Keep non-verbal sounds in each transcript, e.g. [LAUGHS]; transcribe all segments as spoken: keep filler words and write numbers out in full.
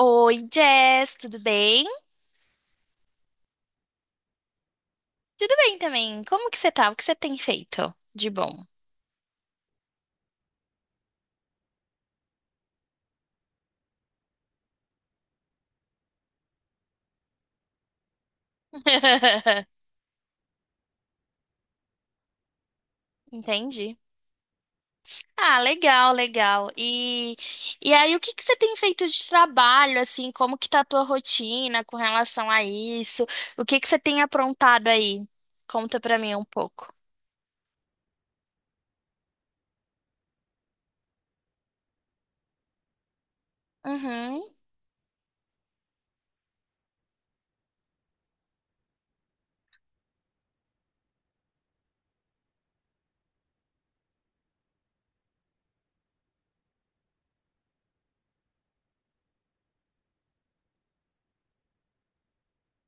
Oi, Jess, tudo bem? Tudo bem também. Como que você tá? O que você tem feito de bom? [LAUGHS] Entendi. Ah, legal, legal. E, e aí, o que que você tem feito de trabalho, assim? Como que tá a tua rotina com relação a isso? O que que você tem aprontado aí? Conta pra mim um pouco. Uhum,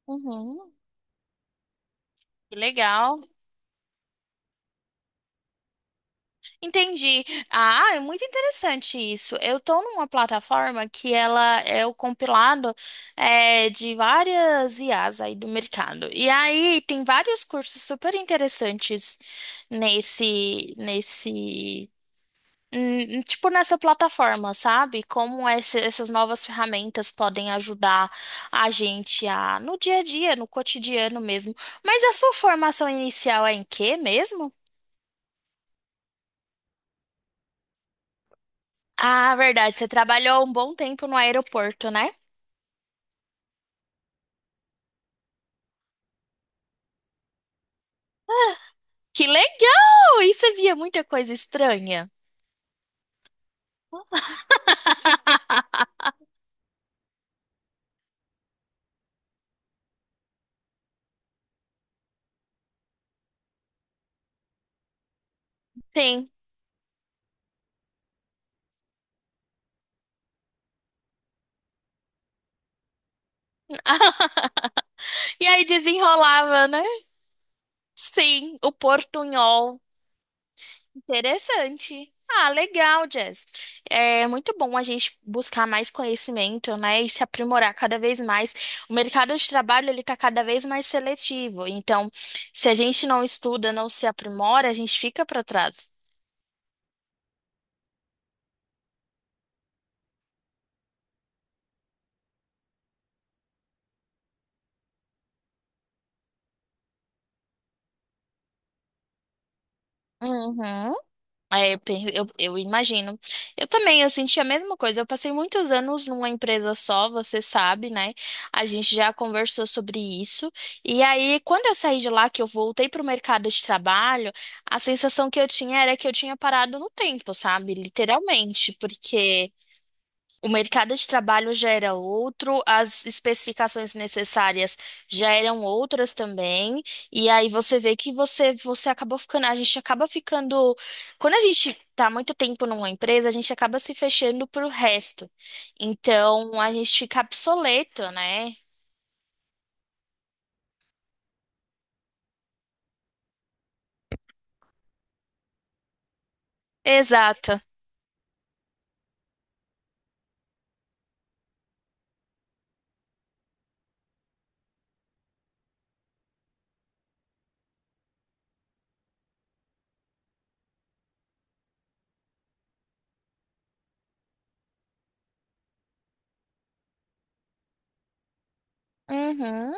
uhum. Que legal. Entendi. Ah, é muito interessante isso. Eu tô numa plataforma que ela é o compilado é, de várias I as aí do mercado. E aí tem vários cursos super interessantes nesse, nesse, hum, tipo nessa plataforma, sabe? Como esse- essas novas ferramentas podem ajudar a gente a no dia a dia, no cotidiano mesmo. Mas a sua formação inicial é em quê mesmo? Ah, verdade. Você trabalhou um bom tempo no aeroporto, né? Que legal! E você via muita coisa estranha? [LAUGHS] Sim. E aí desenrolava, né? Sim, o portunhol. Interessante. Ah, legal, Jess. É muito bom a gente buscar mais conhecimento, né, e se aprimorar cada vez mais. O mercado de trabalho ele está cada vez mais seletivo. Então, se a gente não estuda, não se aprimora, a gente fica para trás. Uhum. É, eu, pe- eu eu imagino. Eu também, eu senti a mesma coisa. Eu passei muitos anos numa empresa só, você sabe, né? A gente já conversou sobre isso. E aí, quando eu saí de lá, que eu voltei para o mercado de trabalho, a sensação que eu tinha era que eu tinha parado no tempo, sabe? Literalmente, porque o mercado de trabalho já era outro, as especificações necessárias já eram outras também, e aí você vê que você você acabou ficando, a gente acaba ficando, quando a gente tá muito tempo numa empresa, a gente acaba se fechando pro resto. Então, a gente fica obsoleto, né? Exato. Uhum.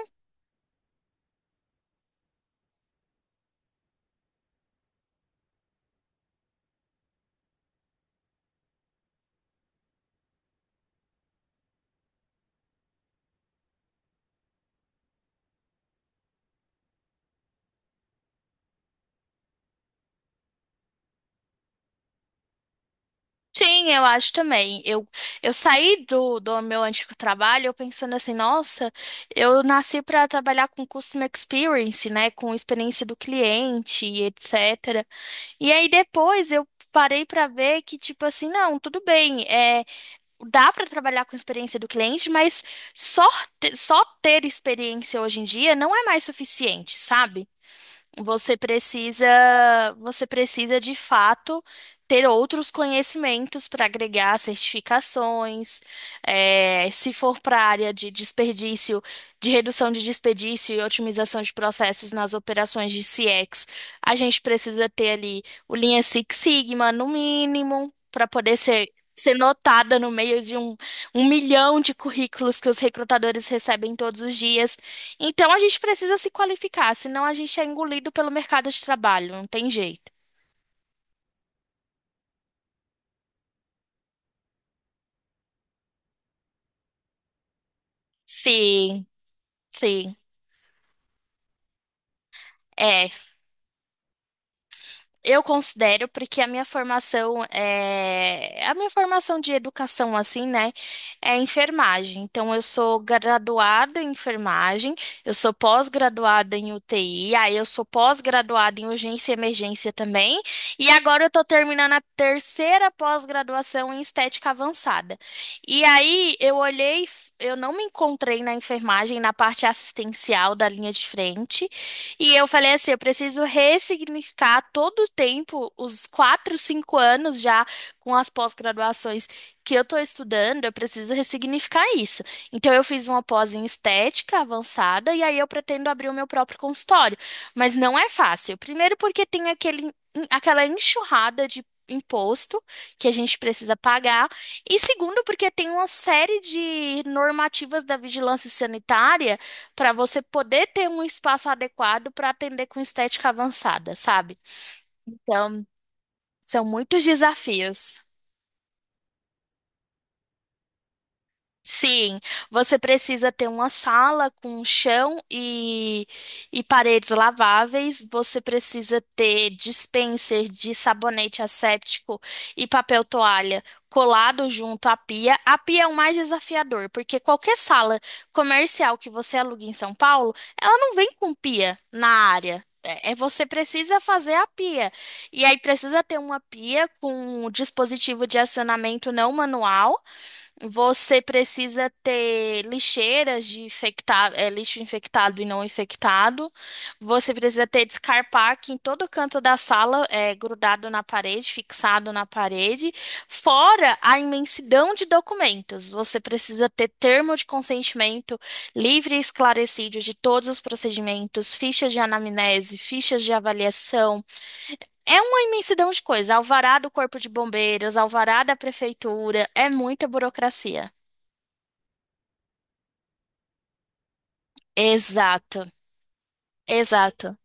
Sim, eu acho também. Eu, eu saí do, do meu antigo trabalho eu pensando assim, nossa, eu nasci para trabalhar com Customer Experience, né, com experiência do cliente e etcetera. E aí depois eu parei para ver que, tipo assim, não, tudo bem, é, dá para trabalhar com experiência do cliente, mas só, te- só ter experiência hoje em dia não é mais suficiente, sabe? Você precisa, você precisa de fato ter outros conhecimentos para agregar certificações. Eh, se for para a área de desperdício, de redução de desperdício e otimização de processos nas operações de C X, a gente precisa ter ali o Lean Six Sigma no mínimo para poder ser Ser notada no meio de um, um milhão de currículos que os recrutadores recebem todos os dias. Então a gente precisa se qualificar, senão a gente é engolido pelo mercado de trabalho, não tem jeito. Sim, sim. É, Eu considero porque a minha formação é a minha formação de educação assim, né, é enfermagem. Então eu sou graduada em enfermagem, eu sou pós-graduada em U T I, aí eu sou pós-graduada em urgência e emergência também, e agora eu tô terminando a terceira pós-graduação em estética avançada. E aí eu olhei, eu não me encontrei na enfermagem, na parte assistencial da linha de frente. E eu falei assim, eu preciso ressignificar todo o tempo, os quatro, cinco anos já com as pós-graduações que eu estou estudando, eu preciso ressignificar isso. Então eu fiz uma pós em estética avançada e aí eu pretendo abrir o meu próprio consultório. Mas não é fácil. Primeiro porque tem aquele, aquela enxurrada de imposto que a gente precisa pagar. E segundo porque tem uma série de normativas da vigilância sanitária para você poder ter um espaço adequado para atender com estética avançada, sabe? Então, são muitos desafios. Sim, você precisa ter uma sala com chão e, e paredes laváveis. Você precisa ter dispenser de sabonete asséptico e papel toalha colado junto à pia. A pia é o mais desafiador, porque qualquer sala comercial que você alugue em São Paulo, ela não vem com pia na área. É, é você precisa fazer a pia. E aí precisa ter uma pia com dispositivo de acionamento não manual. Você precisa ter lixeiras de infecta- eh, lixo infectado e não infectado. Você precisa ter descarpaque em todo canto da sala, eh, grudado na parede, fixado na parede, fora a imensidão de documentos. Você precisa ter termo de consentimento livre e esclarecido de todos os procedimentos, fichas de anamnese, fichas de avaliação. É uma imensidão de coisa. Alvará do Corpo de Bombeiros, alvará da Prefeitura, é muita burocracia. Exato, exato,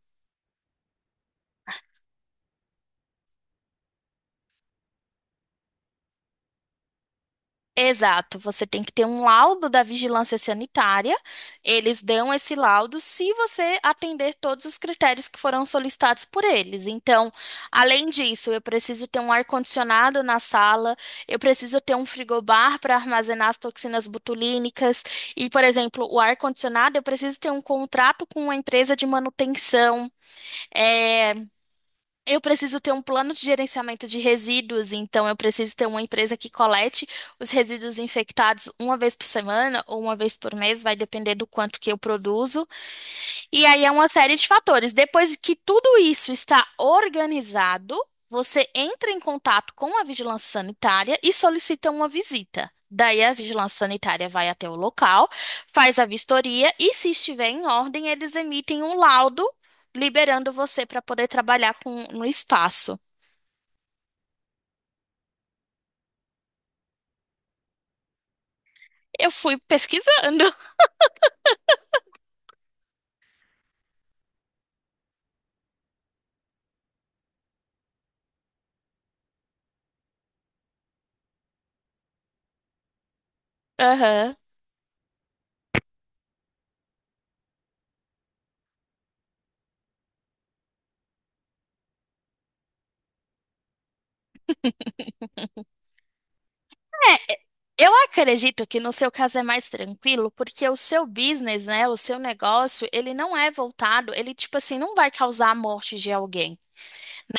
exato. Você tem que ter um laudo da vigilância sanitária. Eles dão esse laudo se você atender todos os critérios que foram solicitados por eles. Então, além disso, eu preciso ter um ar-condicionado na sala, eu preciso ter um frigobar para armazenar as toxinas botulínicas. E, por exemplo, o ar-condicionado, eu preciso ter um contrato com uma empresa de manutenção. É, Eu preciso ter um plano de gerenciamento de resíduos, então eu preciso ter uma empresa que colete os resíduos infectados uma vez por semana ou uma vez por mês, vai depender do quanto que eu produzo. E aí é uma série de fatores. Depois que tudo isso está organizado, você entra em contato com a vigilância sanitária e solicita uma visita. Daí a vigilância sanitária vai até o local, faz a vistoria e, se estiver em ordem, eles emitem um laudo liberando você para poder trabalhar com, no espaço. Eu fui pesquisando. [LAUGHS] Aham. É, é, eu acredito que no seu caso é mais tranquilo, porque o seu business, né, o seu negócio, ele não é voltado, ele tipo assim, não vai causar a morte de alguém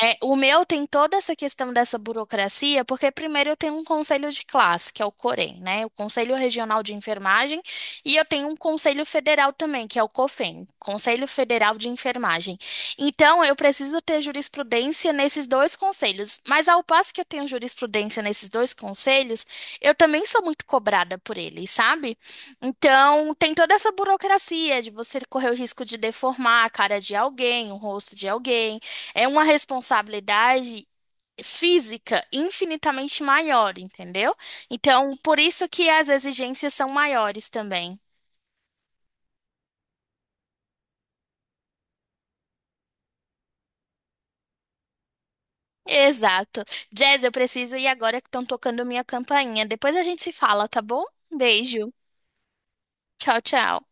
né? O meu tem toda essa questão dessa burocracia, porque primeiro eu tenho um conselho de classe, que é o COREN, né? O Conselho Regional de Enfermagem, e eu tenho um conselho federal também, que é o COFEN, Conselho Federal de Enfermagem. Então, eu preciso ter jurisprudência nesses dois conselhos, mas ao passo que eu tenho jurisprudência nesses dois conselhos, eu também sou muito cobrada por eles, sabe? Então, tem toda essa burocracia de você correr o risco de deformar a cara de alguém, o rosto de alguém. É uma responsabilidade física infinitamente maior, entendeu? Então, por isso que as exigências são maiores também. Exato. Jazz, eu preciso ir agora que estão tocando minha campainha. Depois a gente se fala, tá bom? Beijo. Tchau, tchau.